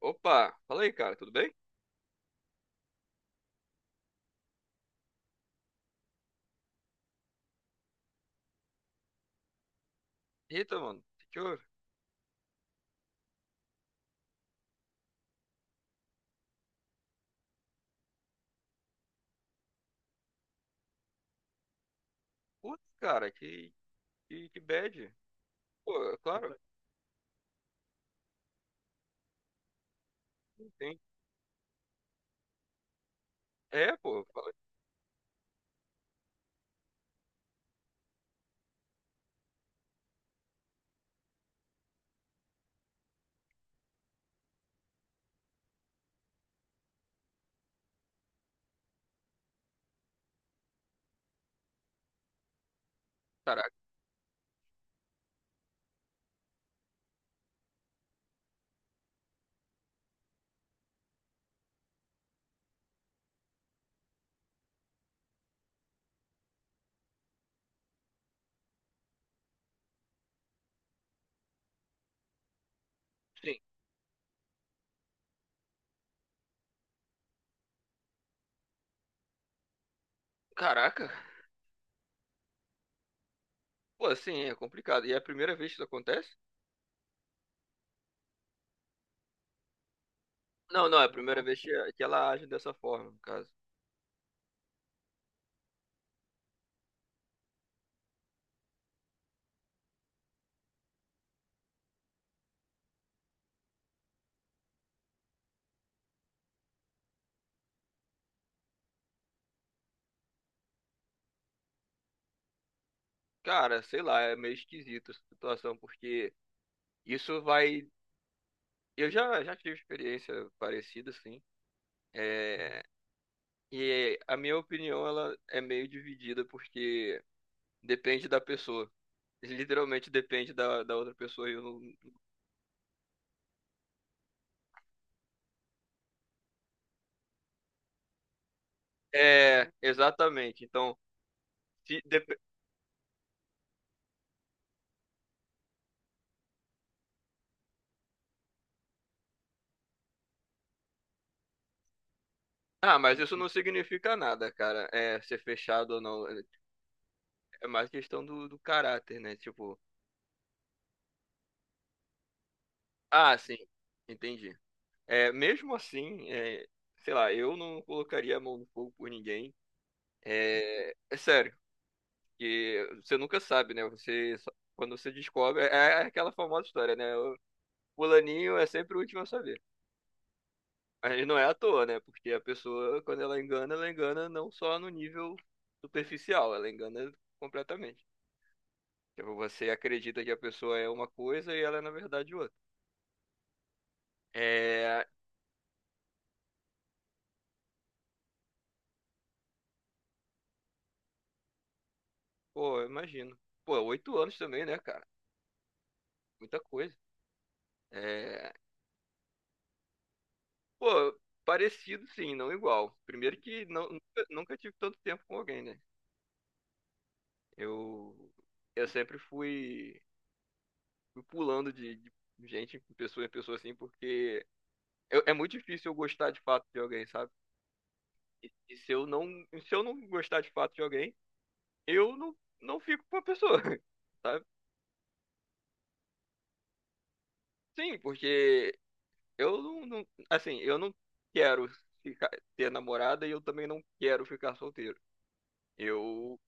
Opa, fala aí, cara, tudo bem? Eita, mano, o que que houve? Putz, cara, que bad. Pô, é claro, tem. É, pô, caraca, sim. Caraca. Pô, assim, é complicado. E é a primeira vez que isso acontece? Não, não, é a primeira vez que ela age dessa forma, no caso. Cara, sei lá, é meio esquisita essa situação, porque isso vai. Eu já tive experiência parecida, assim. É... E a minha opinião, ela é meio dividida, porque depende da pessoa. Literalmente depende da outra pessoa. E eu não... É, exatamente. Então, se dep- ah, mas isso não significa nada, cara. É, ser fechado ou não. É mais questão do caráter, né? Tipo, ah, sim, entendi. É, mesmo assim, é, sei lá, eu não colocaria a mão no fogo por ninguém. É sério, que você nunca sabe, né? Quando você descobre, é aquela famosa história, né? O fulaninho é sempre o último a saber. Aí não é à toa, né? Porque a pessoa, quando ela engana não só no nível superficial, ela engana completamente. Tipo, você acredita que a pessoa é uma coisa e ela é, na verdade, outra. É. Pô, eu imagino. Pô, 8 anos também, né, cara? Muita coisa. É. Pô, parecido sim, não igual. Primeiro que não, nunca tive tanto tempo com alguém, né? Eu. Eu sempre fui pulando de gente, em pessoa assim, porque é muito difícil eu gostar de fato de alguém, sabe? E se eu não, se eu não gostar de fato de alguém, eu não fico com a pessoa, sabe? Sim, porque eu assim, eu não quero ficar, ter namorada e eu também não quero ficar solteiro. Eu,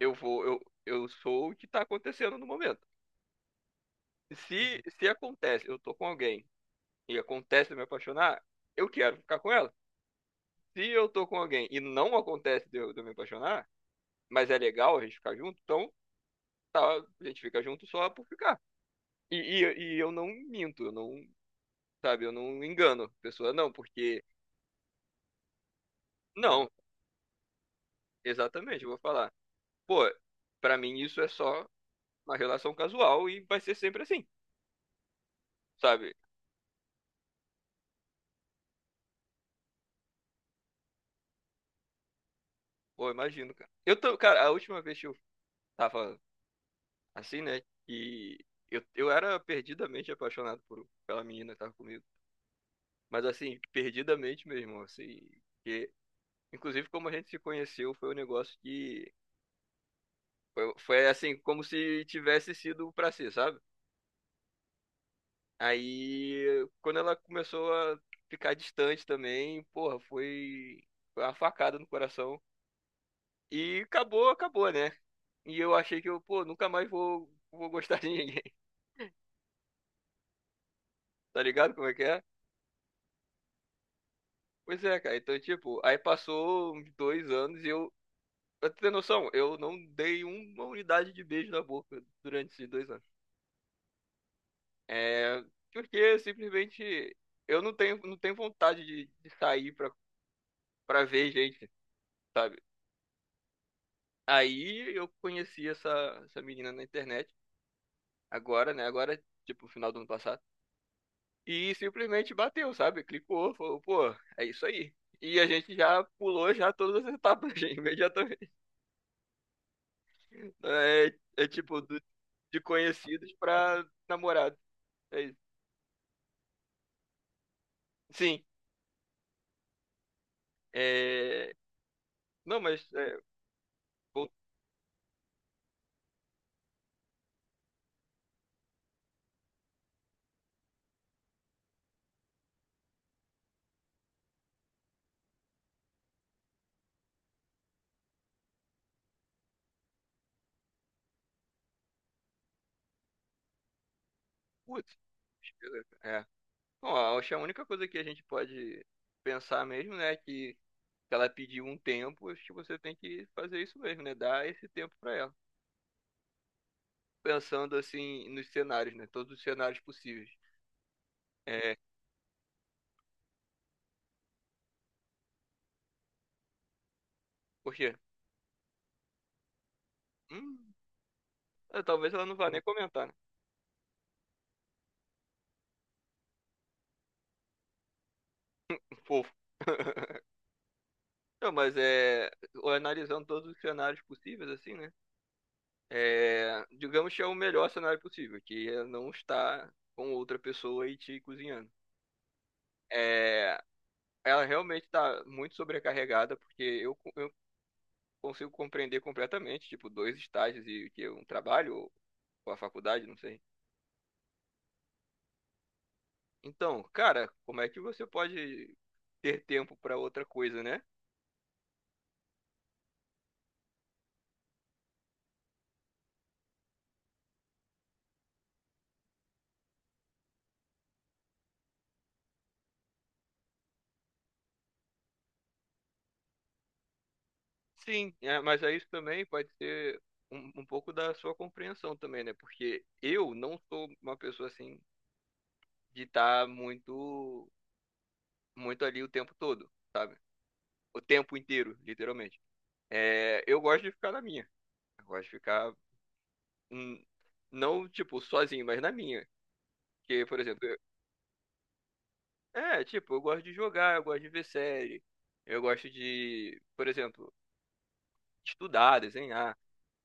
eu vou, eu, eu sou o que tá acontecendo no momento. Se, Uhum. Se acontece, eu tô com alguém e acontece de eu me apaixonar, eu quero ficar com ela. Se eu tô com alguém e não acontece de eu me apaixonar, mas é legal a gente ficar junto, então tá, a gente fica junto só por ficar. E eu não minto, eu não, sabe, eu não engano a pessoa, não, porque. Não, exatamente, eu vou falar. Pô, pra mim isso é só uma relação casual e vai ser sempre assim, sabe? Pô, imagino, cara. Eu tô, cara, a última vez que eu tava assim, né, que eu era perdidamente apaixonado pela menina que tava comigo. Mas assim, perdidamente mesmo, assim. Que, inclusive, como a gente se conheceu, foi um negócio que. Foi assim, como se tivesse sido pra ser, sabe? Aí, quando ela começou a ficar distante também, porra, foi uma facada no coração. E acabou, acabou, né? E eu achei que eu, pô, nunca mais vou gostar de ninguém. Tá ligado como é que é? Pois é, cara. Então, tipo, aí passou uns 2 anos e eu. Pra tu ter noção, eu não dei uma unidade de beijo na boca durante esses 2 anos. É. Porque simplesmente eu não tenho vontade de sair pra ver gente, sabe? Aí eu conheci essa menina na internet, agora, né? Agora, tipo, final do ano passado. E simplesmente bateu, sabe? Clicou, falou, pô, é isso aí. E a gente já pulou já todas as etapas, imediatamente. É, é tipo, de conhecidos pra namorado. É isso. Sim, é... Não, mas... É... vol- Putz, é. Bom, acho que a única coisa que a gente pode pensar mesmo, né, é que ela pediu um tempo, acho que você tem que fazer isso mesmo, né? Dar esse tempo pra ela. Pensando assim nos cenários, né? Todos os cenários possíveis. É, porque, hum, é, talvez ela não vá nem comentar, né? Fofo. Não, mas é, analisando todos os cenários possíveis, assim, né? É, digamos que é o melhor cenário possível, que é não estar com outra pessoa e te cozinhando. É, ela realmente está muito sobrecarregada, porque eu consigo compreender completamente, tipo, dois estágios e o que é um trabalho ou a faculdade, não sei. Então, cara, como é que você pode ter tempo para outra coisa, né? Sim, é, mas aí isso também pode ser um pouco da sua compreensão também, né? Porque eu não sou uma pessoa assim de estar muito muito ali o tempo todo, sabe? O tempo inteiro, literalmente. É, eu gosto de ficar na minha. Eu gosto de ficar hum, não tipo sozinho, mas na minha. Porque, por exemplo, é, tipo, eu gosto de jogar, eu gosto de ver série, eu gosto de, por exemplo, estudar, desenhar.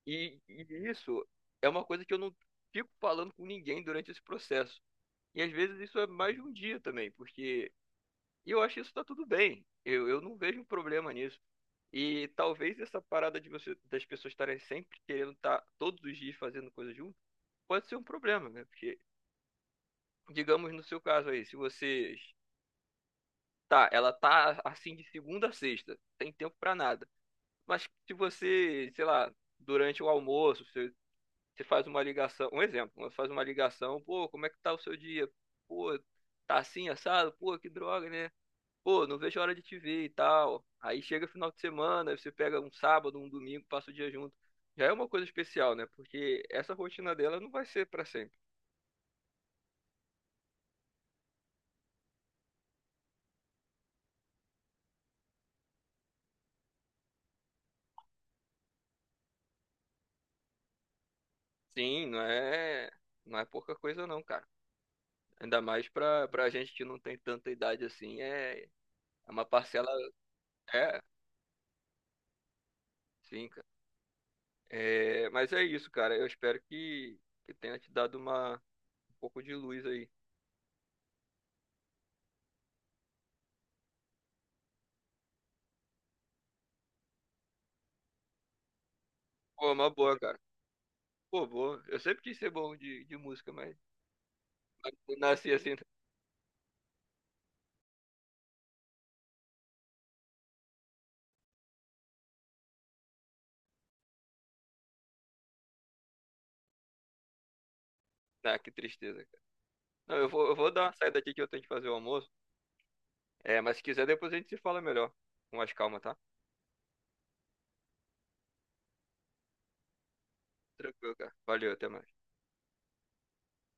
E isso é uma coisa que eu não fico falando com ninguém durante esse processo. E às vezes isso é mais de um dia também, porque e eu acho que isso tá tudo bem. Eu não vejo um problema nisso. E talvez essa parada de você, das pessoas estarem sempre querendo estar todos os dias fazendo coisa junto, pode ser um problema, né? Porque, digamos no seu caso aí, se vocês tá, ela tá assim de segunda a sexta, tem tempo pra nada. Mas se você, sei lá, durante o almoço, você, faz uma ligação, um exemplo, você faz uma ligação, pô, como é que tá o seu dia? Pô, tá assim, assado? Pô, que droga, né? Pô, não vejo a hora de te ver e tal. Aí chega final de semana, aí você pega um sábado, um domingo, passa o dia junto. Já é uma coisa especial, né? Porque essa rotina dela não vai ser pra sempre. Sim, não é pouca coisa não, cara. Ainda mais pra gente que não tem tanta idade assim, é, é uma parcela, é, sim. É, mas é isso, cara. Eu espero que tenha te dado um pouco de luz aí. Pô, uma boa, cara. Pô, boa. Eu sempre quis ser bom de música, mas eu nasci assim. Ah, que tristeza, cara. Não, eu vou dar uma saída aqui que eu tenho que fazer o almoço. É, mas se quiser, depois a gente se fala melhor. Com mais calma, tá? Tranquilo, cara. Valeu, até mais.